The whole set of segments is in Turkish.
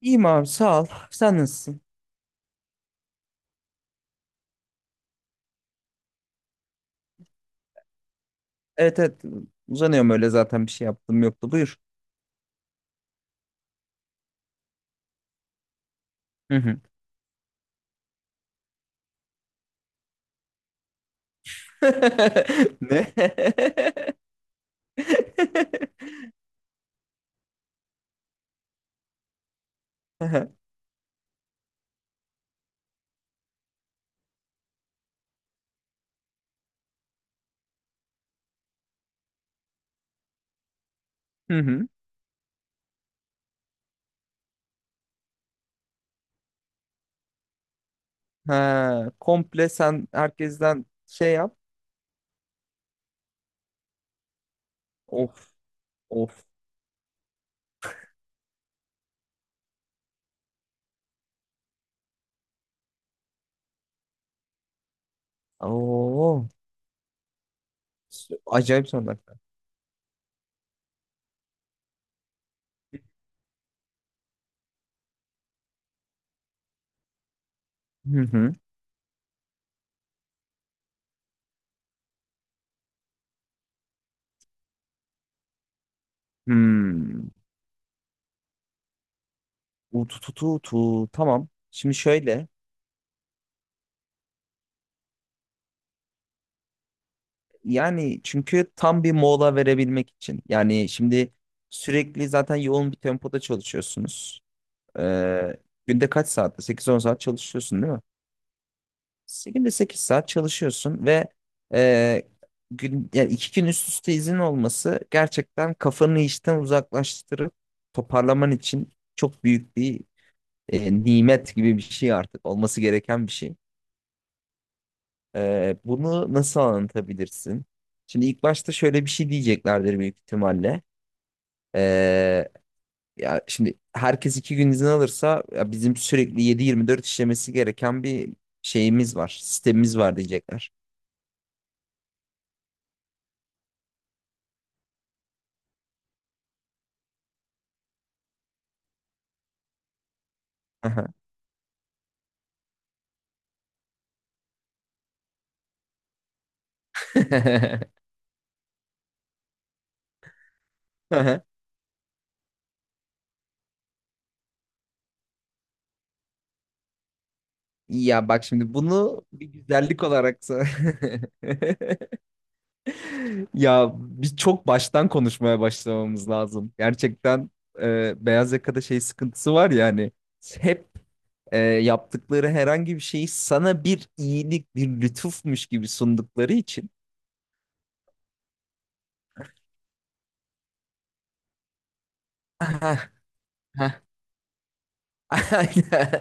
İyiyim abi sağ ol. Sen nasılsın? Evet, evet, uzanıyorum öyle zaten bir şey yaptım yoktu. Buyur. Hı hı. Ne? Hı hı. Ha, komple sen herkesten şey yap. Of, of. Oo. Acayip sorular. Hı hı. Hmm. Utu tu tu tu. Tamam. Şimdi şöyle. Yani çünkü tam bir mola verebilmek için. Yani şimdi sürekli zaten yoğun bir tempoda çalışıyorsunuz. Ee, Günde kaç saatte? 8-10 saat çalışıyorsun değil mi? Günde 8 saat çalışıyorsun ve e, yani iki gün üst üste izin olması gerçekten kafanı işten uzaklaştırıp toparlaman için çok büyük bir nimet gibi bir şey, artık olması gereken bir şey. Bunu nasıl anlatabilirsin? Şimdi ilk başta şöyle bir şey diyeceklerdir büyük ihtimalle. Ya şimdi herkes iki gün izin alırsa ya bizim sürekli yedi yirmi dört işlemesi gereken bir şeyimiz var. Sistemimiz var diyecekler. Aha. Aha. Ya bak şimdi bunu bir güzellik olarak. Ya bir çok baştan konuşmaya başlamamız lazım. Gerçekten beyaz yakada şey sıkıntısı var ya, hani hep yaptıkları herhangi bir şeyi sana bir iyilik, bir lütufmuş gibi sundukları için. Aynen.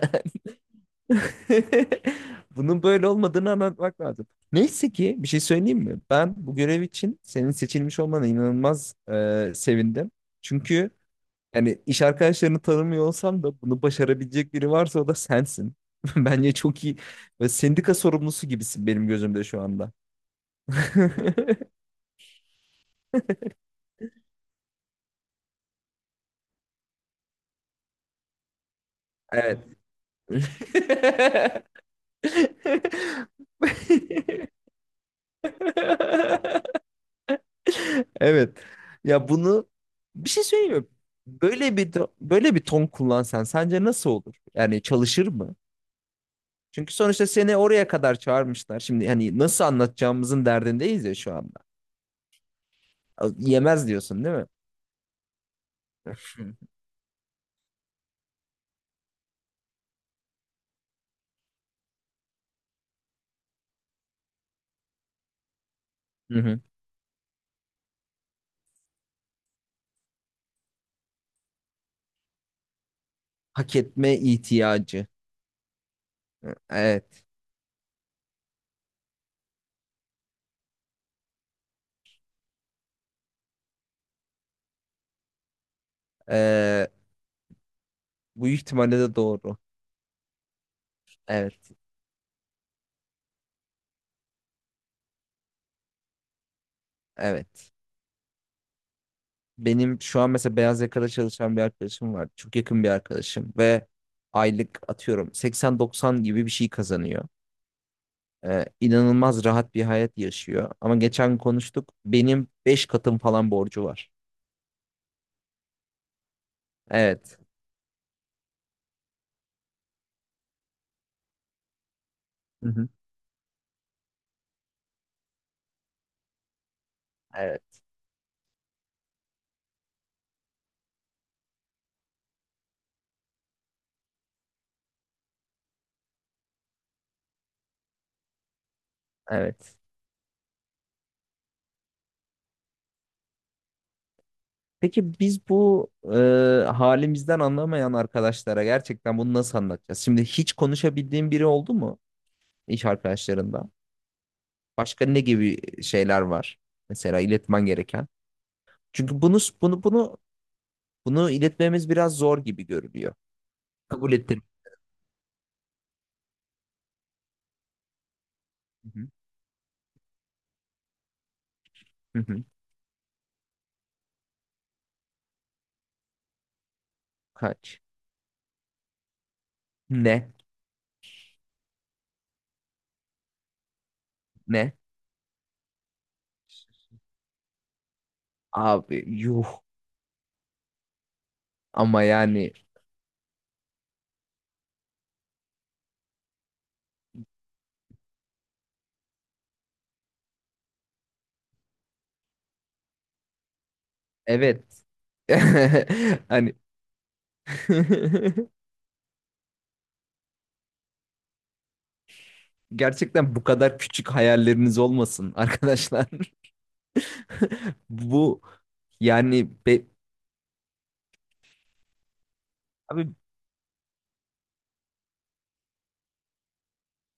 Bunun böyle olmadığını anlatmak lazım. Neyse ki, bir şey söyleyeyim mi? Ben bu görev için senin seçilmiş olmana inanılmaz sevindim. Çünkü yani iş arkadaşlarını tanımıyor olsam da bunu başarabilecek biri varsa, o da sensin. Bence çok iyi. Ve sendika sorumlusu gibisin benim gözümde şu anda. Evet. Evet. Ya bunu, bir şey söyleyeyim mi? Böyle bir böyle bir ton kullansan sence nasıl olur? Yani çalışır mı? Çünkü sonuçta seni oraya kadar çağırmışlar. Şimdi hani nasıl anlatacağımızın derdindeyiz ya şu anda. Yemez diyorsun değil mi? Hı hı. Hı. Hak etme ihtiyacı. Evet. Ee, Bu ihtimalle de doğru. Evet. Evet. Benim şu an mesela beyaz yakada çalışan bir arkadaşım var. Çok yakın bir arkadaşım ve aylık atıyorum 80-90 gibi bir şey kazanıyor. İnanılmaz rahat bir hayat yaşıyor. Ama geçen konuştuk. Benim 5 katım falan borcu var. Evet. Hı hı. Evet. Evet. Peki biz bu halimizden anlamayan arkadaşlara gerçekten bunu nasıl anlatacağız? Şimdi hiç konuşabildiğin biri oldu mu iş arkadaşlarında? Başka ne gibi şeyler var? Mesela iletmen gereken. Çünkü bunu iletmemiz biraz zor gibi görünüyor. Kabul ettim. Hı hı. Hı hı. Kaç? Ne? Ne? Abi yuh. Ama yani evet. Hani gerçekten bu kadar küçük hayalleriniz olmasın arkadaşlar. Bu yani be, abi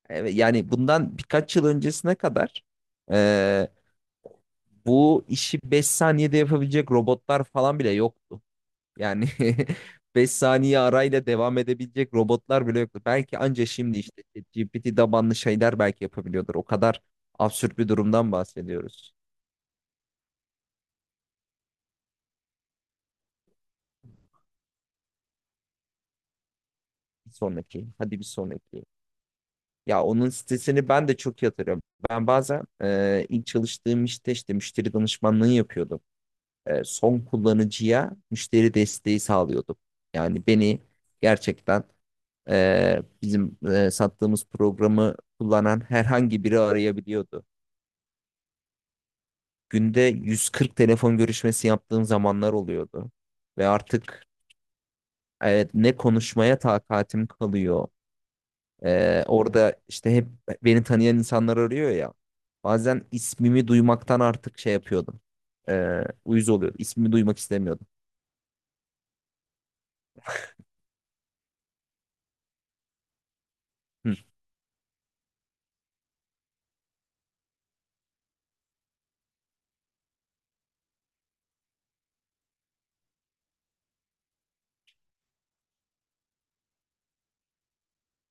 evet, yani bundan birkaç yıl öncesine kadar e, bu işi 5 saniyede yapabilecek robotlar falan bile yoktu. Yani beş saniye arayla devam edebilecek robotlar bile yoktu. Belki anca şimdi işte GPT tabanlı şeyler belki yapabiliyordur. O kadar absürt bir durumdan bahsediyoruz. Bir sonraki. Hadi bir sonraki. Ya onun sitesini ben de çok yatırıyorum. Ben bazen ilk çalıştığım işte müşteri danışmanlığı yapıyordum. Son kullanıcıya müşteri desteği sağlıyordum. Yani beni gerçekten bizim sattığımız programı kullanan herhangi biri arayabiliyordu. Günde 140 telefon görüşmesi yaptığım zamanlar oluyordu. Ve artık ne konuşmaya takatim kalıyor. Orada işte hep beni tanıyan insanlar arıyor ya. Bazen ismimi duymaktan artık şey yapıyordum. Uyuz oluyordum. İsmimi duymak istemiyordum. Hı.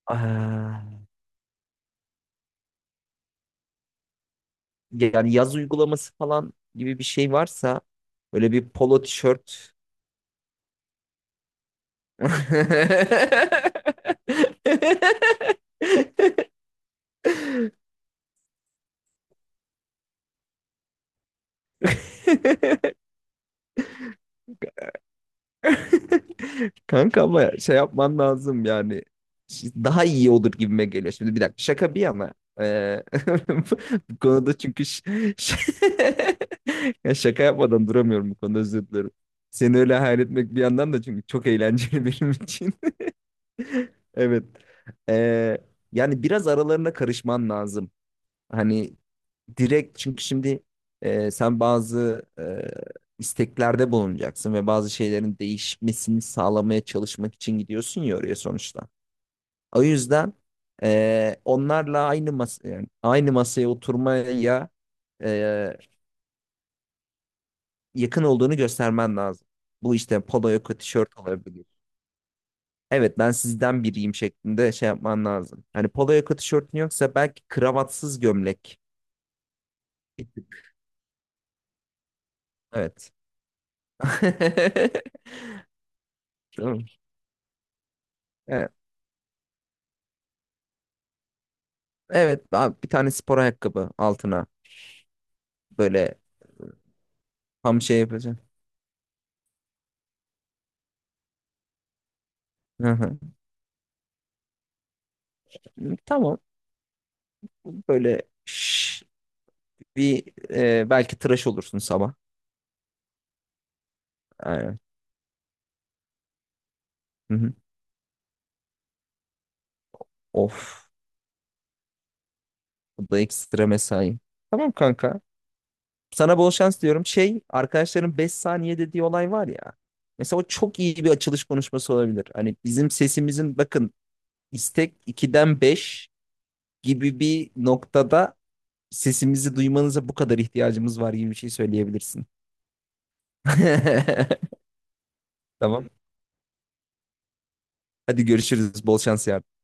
Ah, yani yaz uygulaması falan gibi bir şey varsa böyle bir polo tişört. Kanka ama şey yapman lazım, yani daha iyi olur gibime geliyor. Şimdi bir dakika, şaka bir yana, eee, bu konuda çünkü ya şaka yapmadan duramıyorum bu konuda, özür dilerim. Seni öyle hayal etmek bir yandan da çünkü çok eğlenceli benim için. Evet. Eee, Yani biraz aralarına karışman lazım. Hani direkt, çünkü şimdi sen bazı isteklerde bulunacaksın ve bazı şeylerin değişmesini sağlamaya çalışmak için gidiyorsun ya oraya sonuçta. O yüzden onlarla aynı mas yani aynı masaya oturmaya e, yakın olduğunu göstermen lazım. Bu işte polo yaka tişört olabilir. Evet, ben sizden biriyim şeklinde şey yapman lazım. Hani polo yaka tişörtün yoksa belki kravatsız gömlek. Bir tık, evet. Tamam. Evet abi, bir tane spor ayakkabı altına böyle tam şey yapacağım. Hı hı. Tamam, böyle bir belki tıraş olursun sabah. Aynen. Hı hı. Of, bu da ekstra mesai. Tamam kanka, sana bol şans diyorum. Şey, arkadaşların 5 saniye dediği olay var ya. Mesela o çok iyi bir açılış konuşması olabilir. Hani bizim sesimizin, bakın, istek 2'den 5 gibi bir noktada sesimizi duymanıza bu kadar ihtiyacımız var gibi bir şey söyleyebilirsin. Tamam. Hadi görüşürüz. Bol şans yarın.